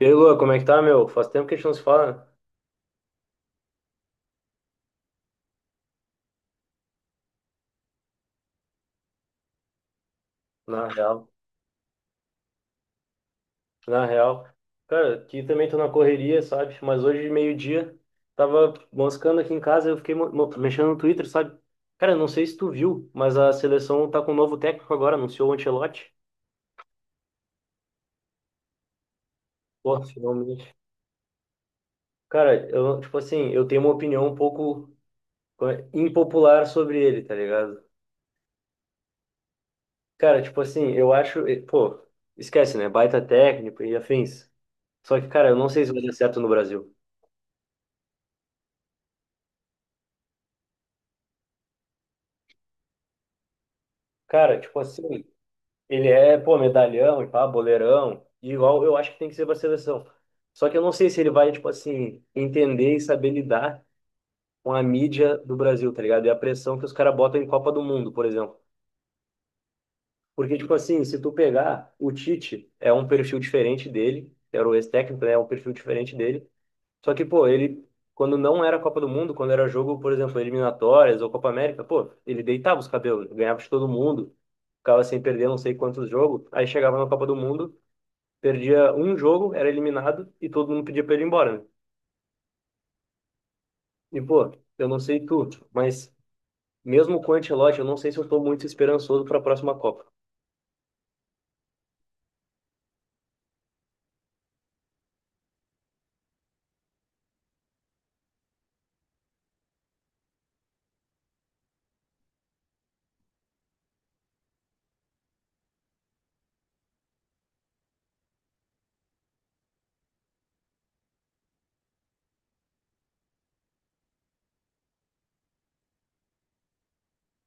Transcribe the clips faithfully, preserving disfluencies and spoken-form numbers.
E aí, Lua, como é que tá, meu? Faz tempo que a gente não se fala, né? Na real. Na real. Cara, aqui também tô na correria, sabe? Mas hoje, meio-dia, tava moscando aqui em casa, eu fiquei mo- mo- mexendo no Twitter, sabe? Cara, não sei se tu viu, mas a seleção tá com um novo técnico agora, anunciou o Ancelotti. Pô, finalmente. Cara, eu, tipo assim, eu tenho uma opinião um pouco eh, impopular sobre ele, tá ligado? Cara, tipo assim, eu acho, eh, pô, esquece, né? Baita técnico e afins. Só que, cara, eu não sei se vai dar certo no Brasil. Cara, tipo assim, ele é, pô, medalhão e pá, boleirão, e igual eu acho que tem que ser pra seleção. Só que eu não sei se ele vai, tipo assim, entender e saber lidar com a mídia do Brasil, tá ligado? E a pressão que os caras botam em Copa do Mundo, por exemplo. Porque, tipo assim, se tu pegar, o Tite é um perfil diferente dele, era o ex-técnico, né? É um perfil diferente dele. Só que, pô, ele, quando não era Copa do Mundo, quando era jogo, por exemplo, eliminatórias ou Copa América, pô, ele deitava os cabelos, ganhava de todo mundo, ficava sem perder não sei quantos jogos. Aí chegava na Copa do Mundo, perdia um jogo, era eliminado e todo mundo pedia pra ele ir embora, né? E, pô, eu não sei tu, mas mesmo com o Ancelotti, eu não sei se eu tô muito esperançoso pra próxima Copa.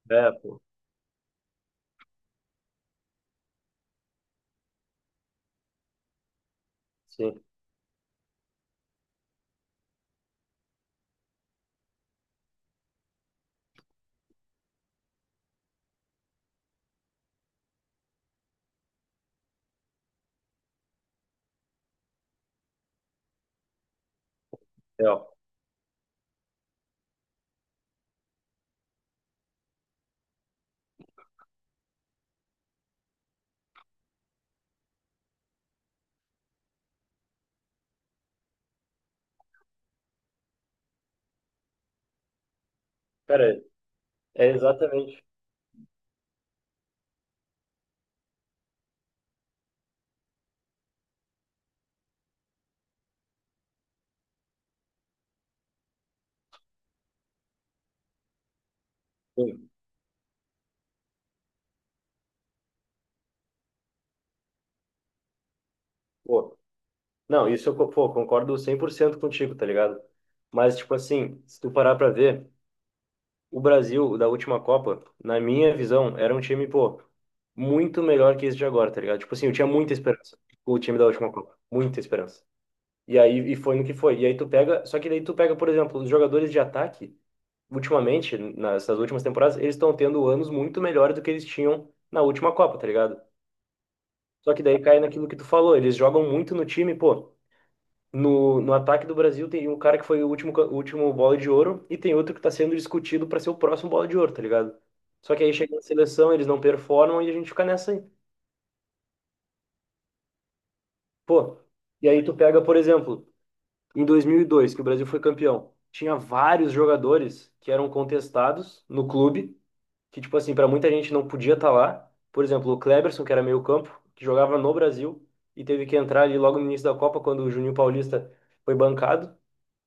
É, pô, sim, é, ó. Cara, é exatamente. Sim. Pô, não, isso eu, co- pô, concordo cem por cento contigo, tá ligado? Mas, tipo assim, se tu parar pra ver, o Brasil da última Copa, na minha visão, era um time, pô, muito melhor que esse de agora, tá ligado? Tipo assim, eu tinha muita esperança com o time da última Copa, muita esperança. E aí, e foi no que foi. E aí tu pega, só que daí tu pega, por exemplo, os jogadores de ataque, ultimamente, nas nas últimas temporadas, eles estão tendo anos muito melhores do que eles tinham na última Copa, tá ligado? Só que daí cai naquilo que tu falou, eles jogam muito no time, pô. No, no ataque do Brasil tem um cara que foi o último, ca- o último bola de ouro e tem outro que está sendo discutido para ser o próximo bola de ouro, tá ligado? Só que aí chega na seleção, eles não performam e a gente fica nessa aí. Pô, e aí tu pega, por exemplo, em dois mil e dois, que o Brasil foi campeão, tinha vários jogadores que eram contestados no clube, que, tipo assim, para muita gente não podia estar lá. Por exemplo, o Kleberson, que era meio-campo, que jogava no Brasil e teve que entrar ali logo no início da Copa, quando o Juninho Paulista foi bancado.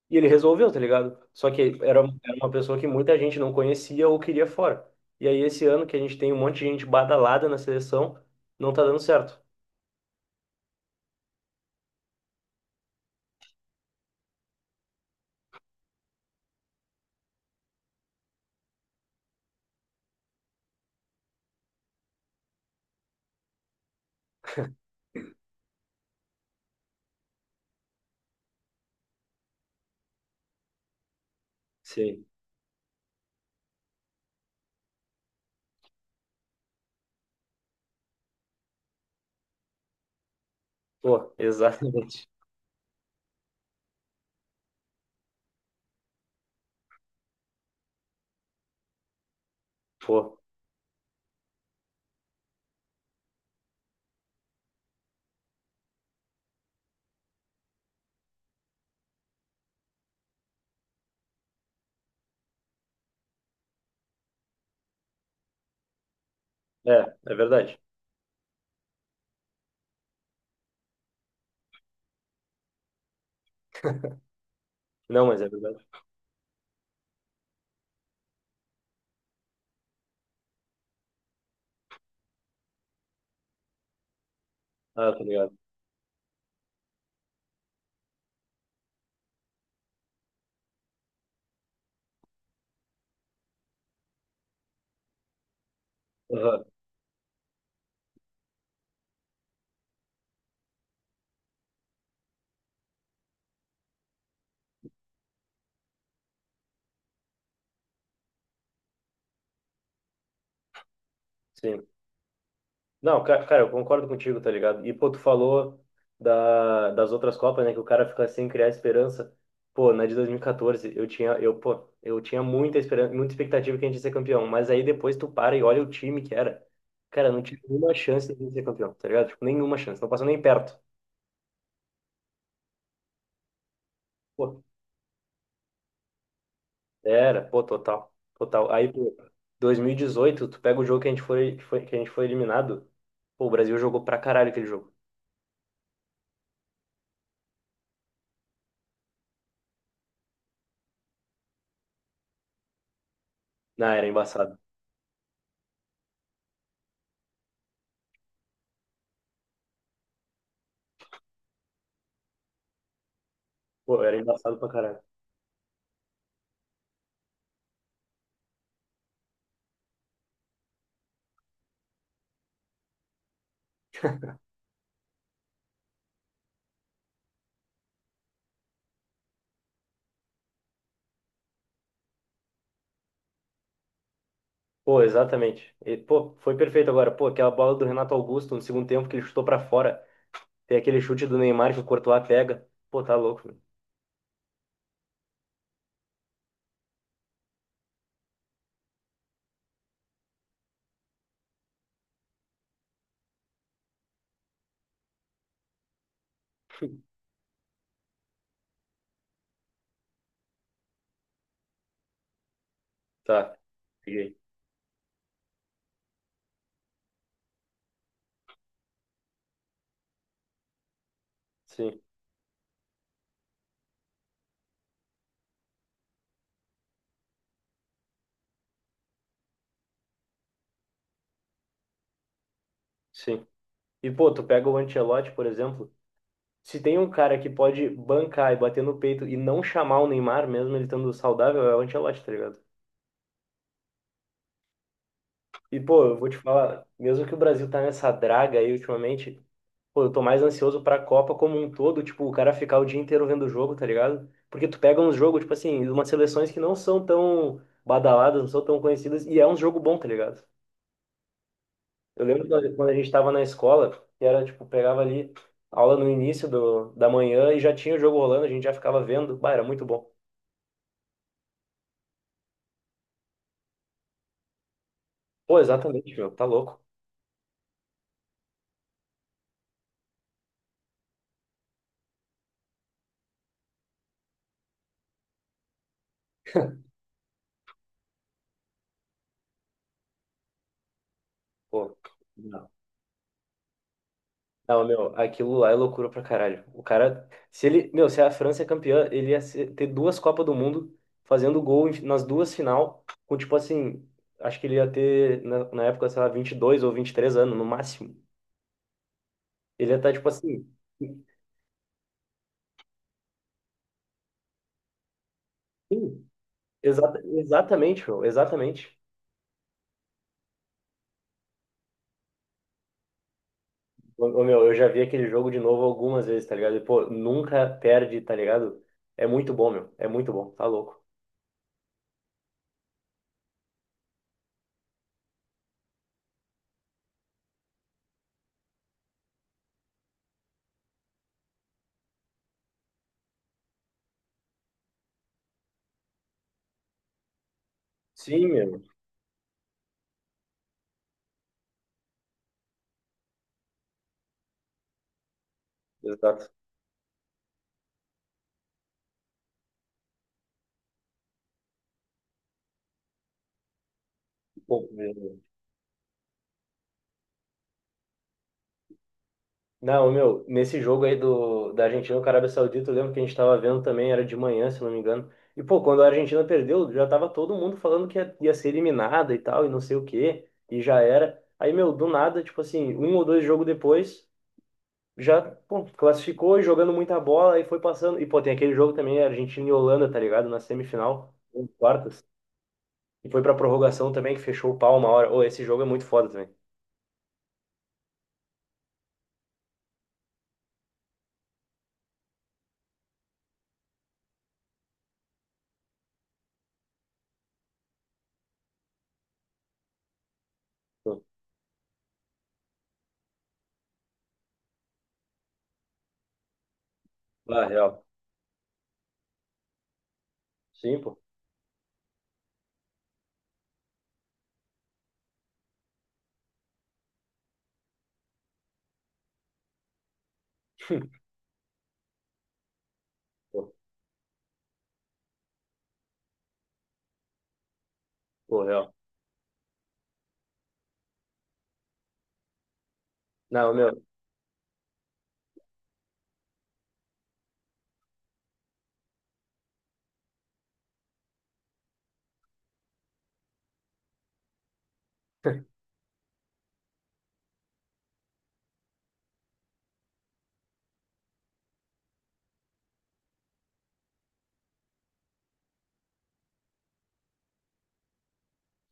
E ele resolveu, tá ligado? Só que era, era uma pessoa que muita gente não conhecia ou queria fora. E aí, esse ano que a gente tem um monte de gente badalada na seleção, não tá dando certo. Sim. Pô, exatamente. Pô, é, é verdade. Não, mas é verdade. Ah, tá ligado. Aham, sim. Não, ca- cara, eu concordo contigo, tá ligado? E, pô, tu falou da, das outras Copas, né? Que o cara fica sem criar esperança. Pô, na de dois mil e quatorze, eu tinha, eu, pô, eu tinha muita esperança, muita expectativa que a gente ia ser campeão. Mas aí depois tu para e olha o time que era. Cara, não tinha nenhuma chance de a gente ser campeão, tá ligado? Tipo, nenhuma chance, não passou nem perto. Pô, era, pô, total, total. Aí, pô, dois mil e dezoito, tu pega o jogo que a gente foi, que foi, que a gente foi eliminado. Pô, o Brasil jogou pra caralho aquele jogo. Não, era embaçado. Pô, era embaçado pra caralho. Pô, exatamente. E, pô, foi perfeito agora. Pô, aquela bola do Renato Augusto no segundo tempo que ele chutou pra fora. Tem aquele chute do Neymar que o Courtois pega. Pô, tá louco, meu. Tá. Peguei. Sim, sim. E, pô, tu pega o Ancelotti, por exemplo. Se tem um cara que pode bancar e bater no peito e não chamar o Neymar, mesmo ele estando saudável, é o Ancelotti, tá ligado? E, pô, eu vou te falar, mesmo que o Brasil tá nessa draga aí ultimamente, pô, eu tô mais ansioso pra Copa como um todo, tipo, o cara ficar o dia inteiro vendo o jogo, tá ligado? Porque tu pega uns jogos, tipo assim, umas seleções que não são tão badaladas, não são tão conhecidas, e é um jogo bom, tá ligado? Eu lembro quando quando a gente tava na escola, que era, tipo, pegava ali aula no início do, da manhã e já tinha o jogo rolando, a gente já ficava vendo, bah, era muito bom. Pô, exatamente, meu, tá louco. Pô, não, meu, aquilo lá é loucura pra caralho. O cara, se ele, meu, se a França é campeã, ele ia ser- ter duas Copas do Mundo fazendo gol em- nas duas final, com tipo assim, acho que ele ia ter na, na época, sei lá, vinte e dois ou vinte e três anos no máximo. Ele ia estar tipo assim, sim, exata, exatamente, meu, exatamente. Ô, ô, meu, eu já vi aquele jogo de novo algumas vezes, tá ligado? E, pô, nunca perde, tá ligado? É muito bom, meu, é muito bom, tá louco. Sim, meu, exato. Pô, meu. Não, meu, nesse jogo aí do, da Argentina com a Arábia Saudita, eu lembro que a gente tava vendo também, era de manhã, se não me engano. E, pô, quando a Argentina perdeu, já tava todo mundo falando que ia, ia ser eliminada e tal, e não sei o quê, e já era. Aí, meu, do nada, tipo assim, um ou dois jogos depois, já, pô, classificou e jogando muita bola, e foi passando. E, pô, tem aquele jogo também, Argentina e Holanda, tá ligado? Na semifinal, em quartas. E foi pra prorrogação também, que fechou o pau uma hora. Ô, esse jogo é muito foda também. Pô, ah, real. Sim, pô. Pô, pô, real. Não, meu.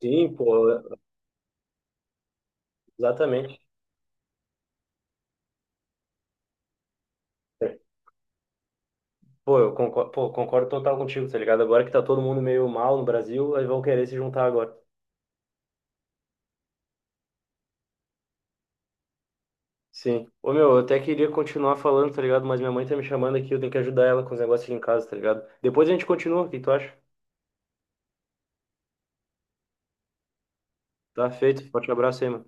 Sim, pô, exatamente. Pô, eu concordo, pô, concordo total contigo, tá ligado? Agora que tá todo mundo meio mal no Brasil, aí vão querer se juntar agora. Sim. Ô, meu, eu até queria continuar falando, tá ligado? Mas minha mãe tá me chamando aqui, eu tenho que ajudar ela com os negócios aqui em casa, tá ligado? Depois a gente continua, o que tu acha? Tá feito. Forte abraço aí, mano.